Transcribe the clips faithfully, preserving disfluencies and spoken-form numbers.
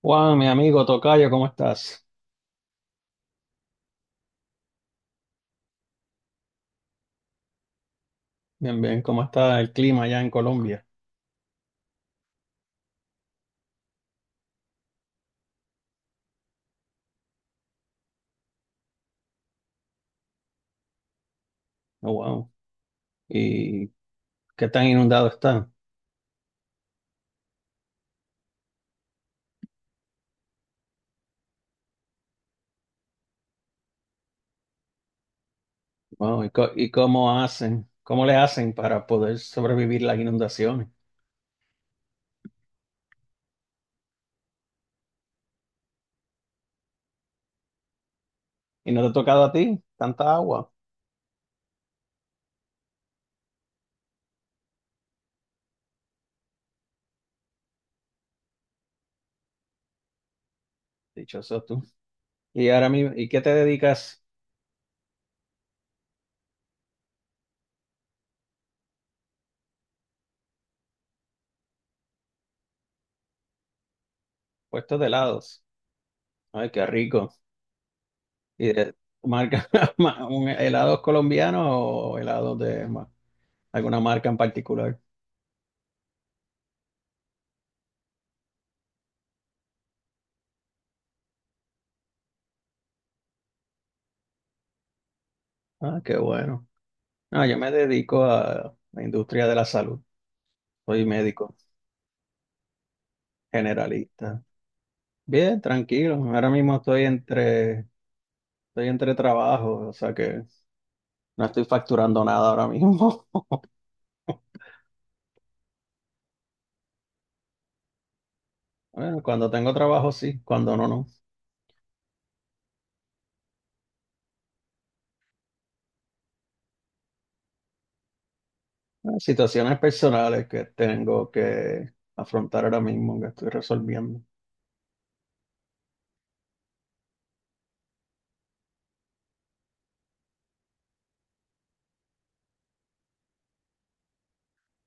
Juan, mi amigo Tocayo, ¿cómo estás? Bien, bien, ¿cómo está el clima allá en Colombia? Oh, wow. ¿Y qué tan inundado está? Wow, ¿y, co- y cómo hacen? ¿Cómo le hacen para poder sobrevivir las inundaciones? ¿Y no te ha tocado a ti tanta agua? Dichoso tú. ¿Y ahora mismo, y qué te dedicas? Puestos de helados. Ay, qué rico. ¿Y de marca ma- un helados colombianos o helados de ma- alguna marca en particular? Ah, qué bueno. No, yo me dedico a la industria de la salud. Soy médico generalista. Bien, tranquilo. Ahora mismo estoy entre, Estoy entre trabajos, o sea que no estoy facturando nada ahora mismo. Bueno, cuando tengo trabajo sí, cuando no, no. Eh, Situaciones personales que tengo que afrontar ahora mismo, que estoy resolviendo.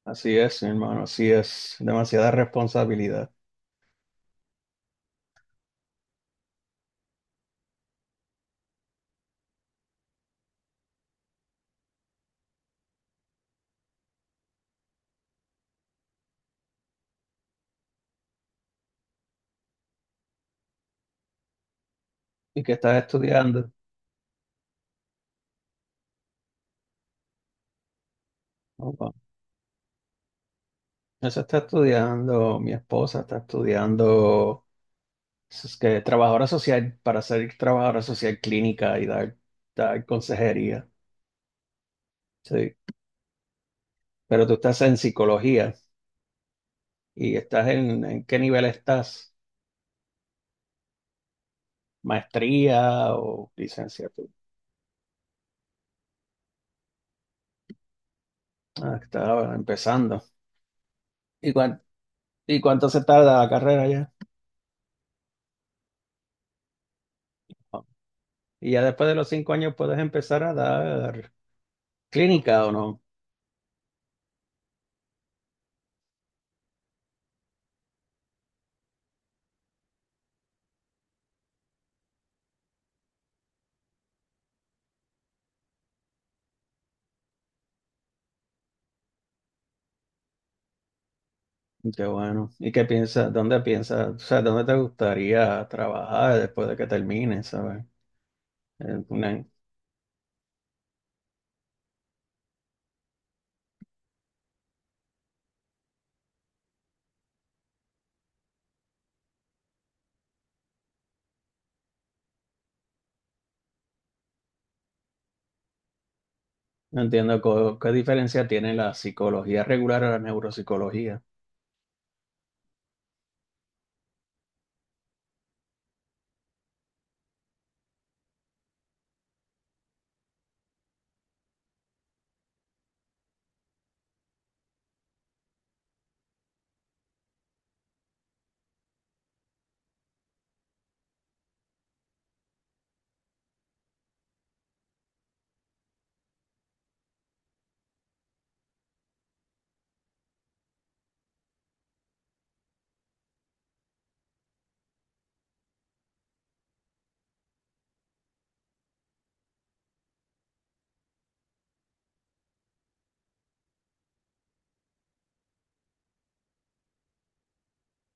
Así es, mi hermano, así es. Demasiada responsabilidad. ¿Y qué estás estudiando? Oh, wow. Eso está estudiando mi esposa, está estudiando. Es que trabajadora social, para ser trabajadora social clínica y dar, dar consejería, sí. Pero tú estás en psicología y estás en, ¿en qué nivel estás? ¿Maestría o licenciatura? Ah, estaba empezando. ¿Y, cuán- y cuánto se tarda la carrera ya? Oh. Y ya después de los cinco años puedes empezar a dar clínica o no. Qué bueno. ¿Y qué piensas? ¿Dónde piensas? O sea, ¿dónde te gustaría trabajar después de que termines? ¿Sabes? Eh, una- No entiendo co- qué, diferencia tiene la psicología regular a la neuropsicología.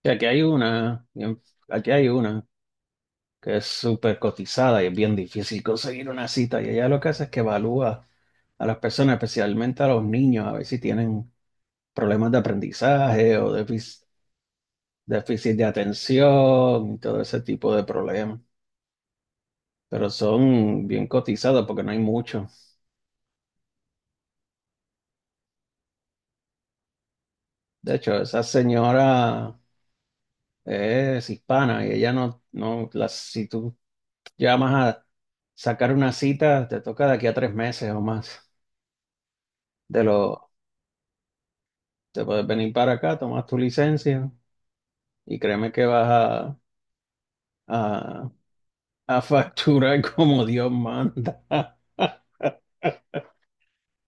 Que aquí hay una, bien- aquí hay una que es súper cotizada y es bien difícil conseguir una cita. Y ella lo que hace es que evalúa a las personas, especialmente a los niños, a ver si tienen problemas de aprendizaje o défic- déficit de atención y todo ese tipo de problemas. Pero son bien cotizados porque no hay mucho. De hecho, esa señora es hispana y ella no, no, las si tú ya más a sacar una cita, te toca de aquí a tres meses o más. De lo, te puedes venir para acá, tomas tu licencia y créeme que vas a, a, a facturar como Dios manda.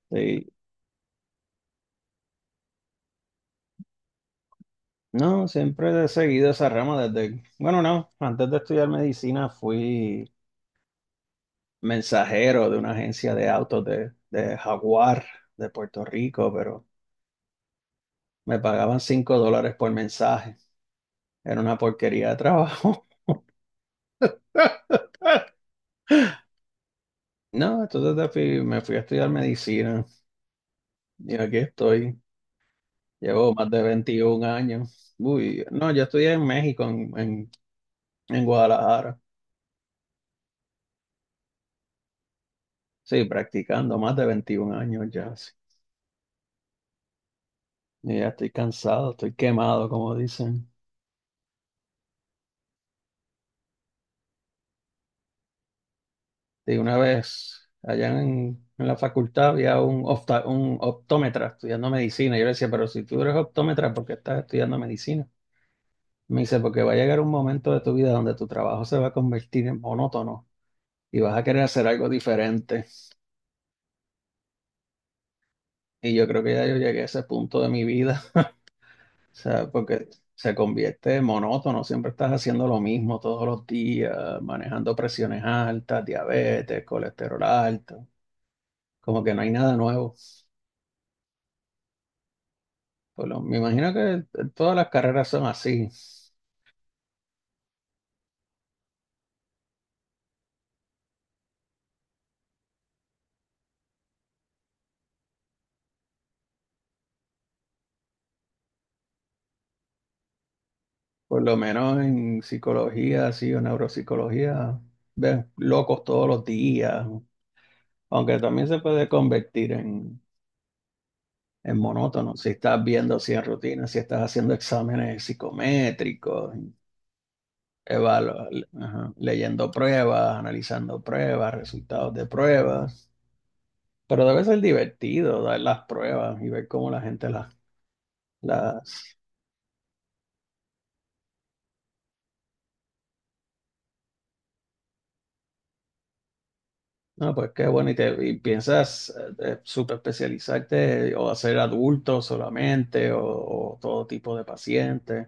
Sí. No, siempre he seguido esa rama desde, bueno, no, antes de estudiar medicina fui mensajero de una agencia de autos de, de Jaguar, de Puerto Rico, pero me pagaban cinco dólares por mensaje. Era una porquería de trabajo. No, entonces de fui- me fui a estudiar medicina y aquí estoy. Llevo más de veintiún años. Uy, no, yo estudié en México, en, en, en Guadalajara. Sí, practicando más de veintiún años ya, sí. Y ya estoy cansado, estoy quemado, como dicen. Y una vez allá en, en la facultad había un, opta- un optómetra estudiando medicina. Yo le decía, pero si tú eres optómetra, ¿por qué estás estudiando medicina? Me dice, porque va a llegar un momento de tu vida donde tu trabajo se va a convertir en monótono y vas a querer hacer algo diferente. Y yo creo que ya yo llegué a ese punto de mi vida, o sea, porque se convierte en monótono, siempre estás haciendo lo mismo todos los días, manejando presiones altas, diabetes, colesterol alto, como que no hay nada nuevo. Por lo- me imagino que todas las carreras son así, por lo menos en psicología, sí, o neuropsicología. Ves locos todos los días, aunque también se puede convertir en, es monótono. Si estás viendo si rutinas, si estás haciendo exámenes psicométricos, evalu- ajá, leyendo pruebas, analizando pruebas, resultados de pruebas. Pero debe ser divertido dar las pruebas y ver cómo la gente las... las... No, pues qué bueno. Y, te, y piensas eh, eh, súper especializarte o hacer adultos solamente o, o todo tipo de pacientes.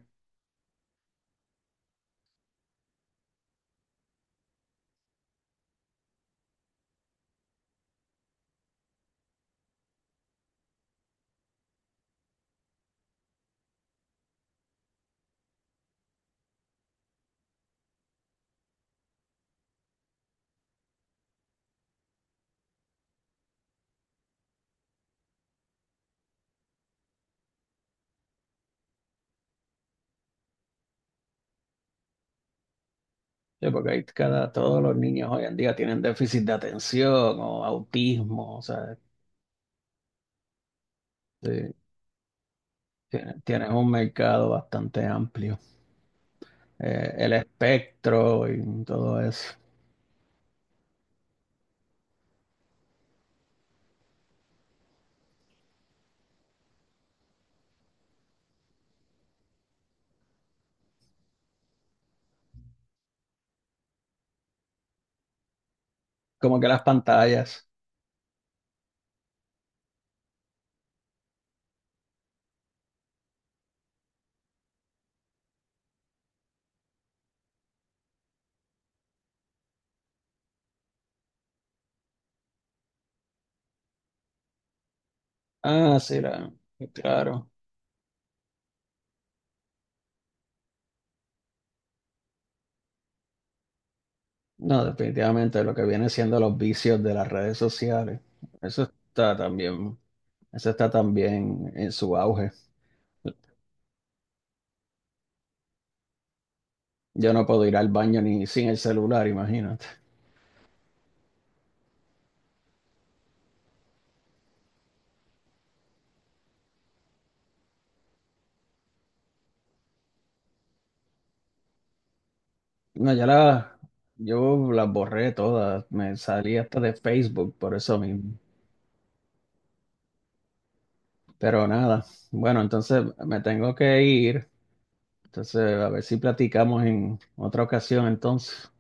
Sí, porque hay cada, todos los niños hoy en día tienen déficit de atención o autismo, o sea, sí. Tiene- Tienes un mercado bastante amplio. Eh, el espectro y todo eso. Como que las pantallas. Ah, sí, la- claro. No, definitivamente lo que viene siendo los vicios de las redes sociales. Eso está también, eso está también en su auge. Yo no puedo ir al baño ni sin el celular, imagínate. No, ya las, yo las borré todas. Me salí hasta de Facebook por eso mismo. Pero nada. Bueno, entonces me tengo que ir. Entonces, a ver si platicamos en otra ocasión entonces.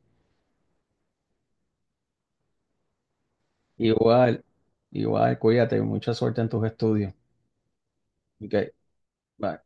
Igual, igual, cuídate, mucha suerte en tus estudios. Ok, bye.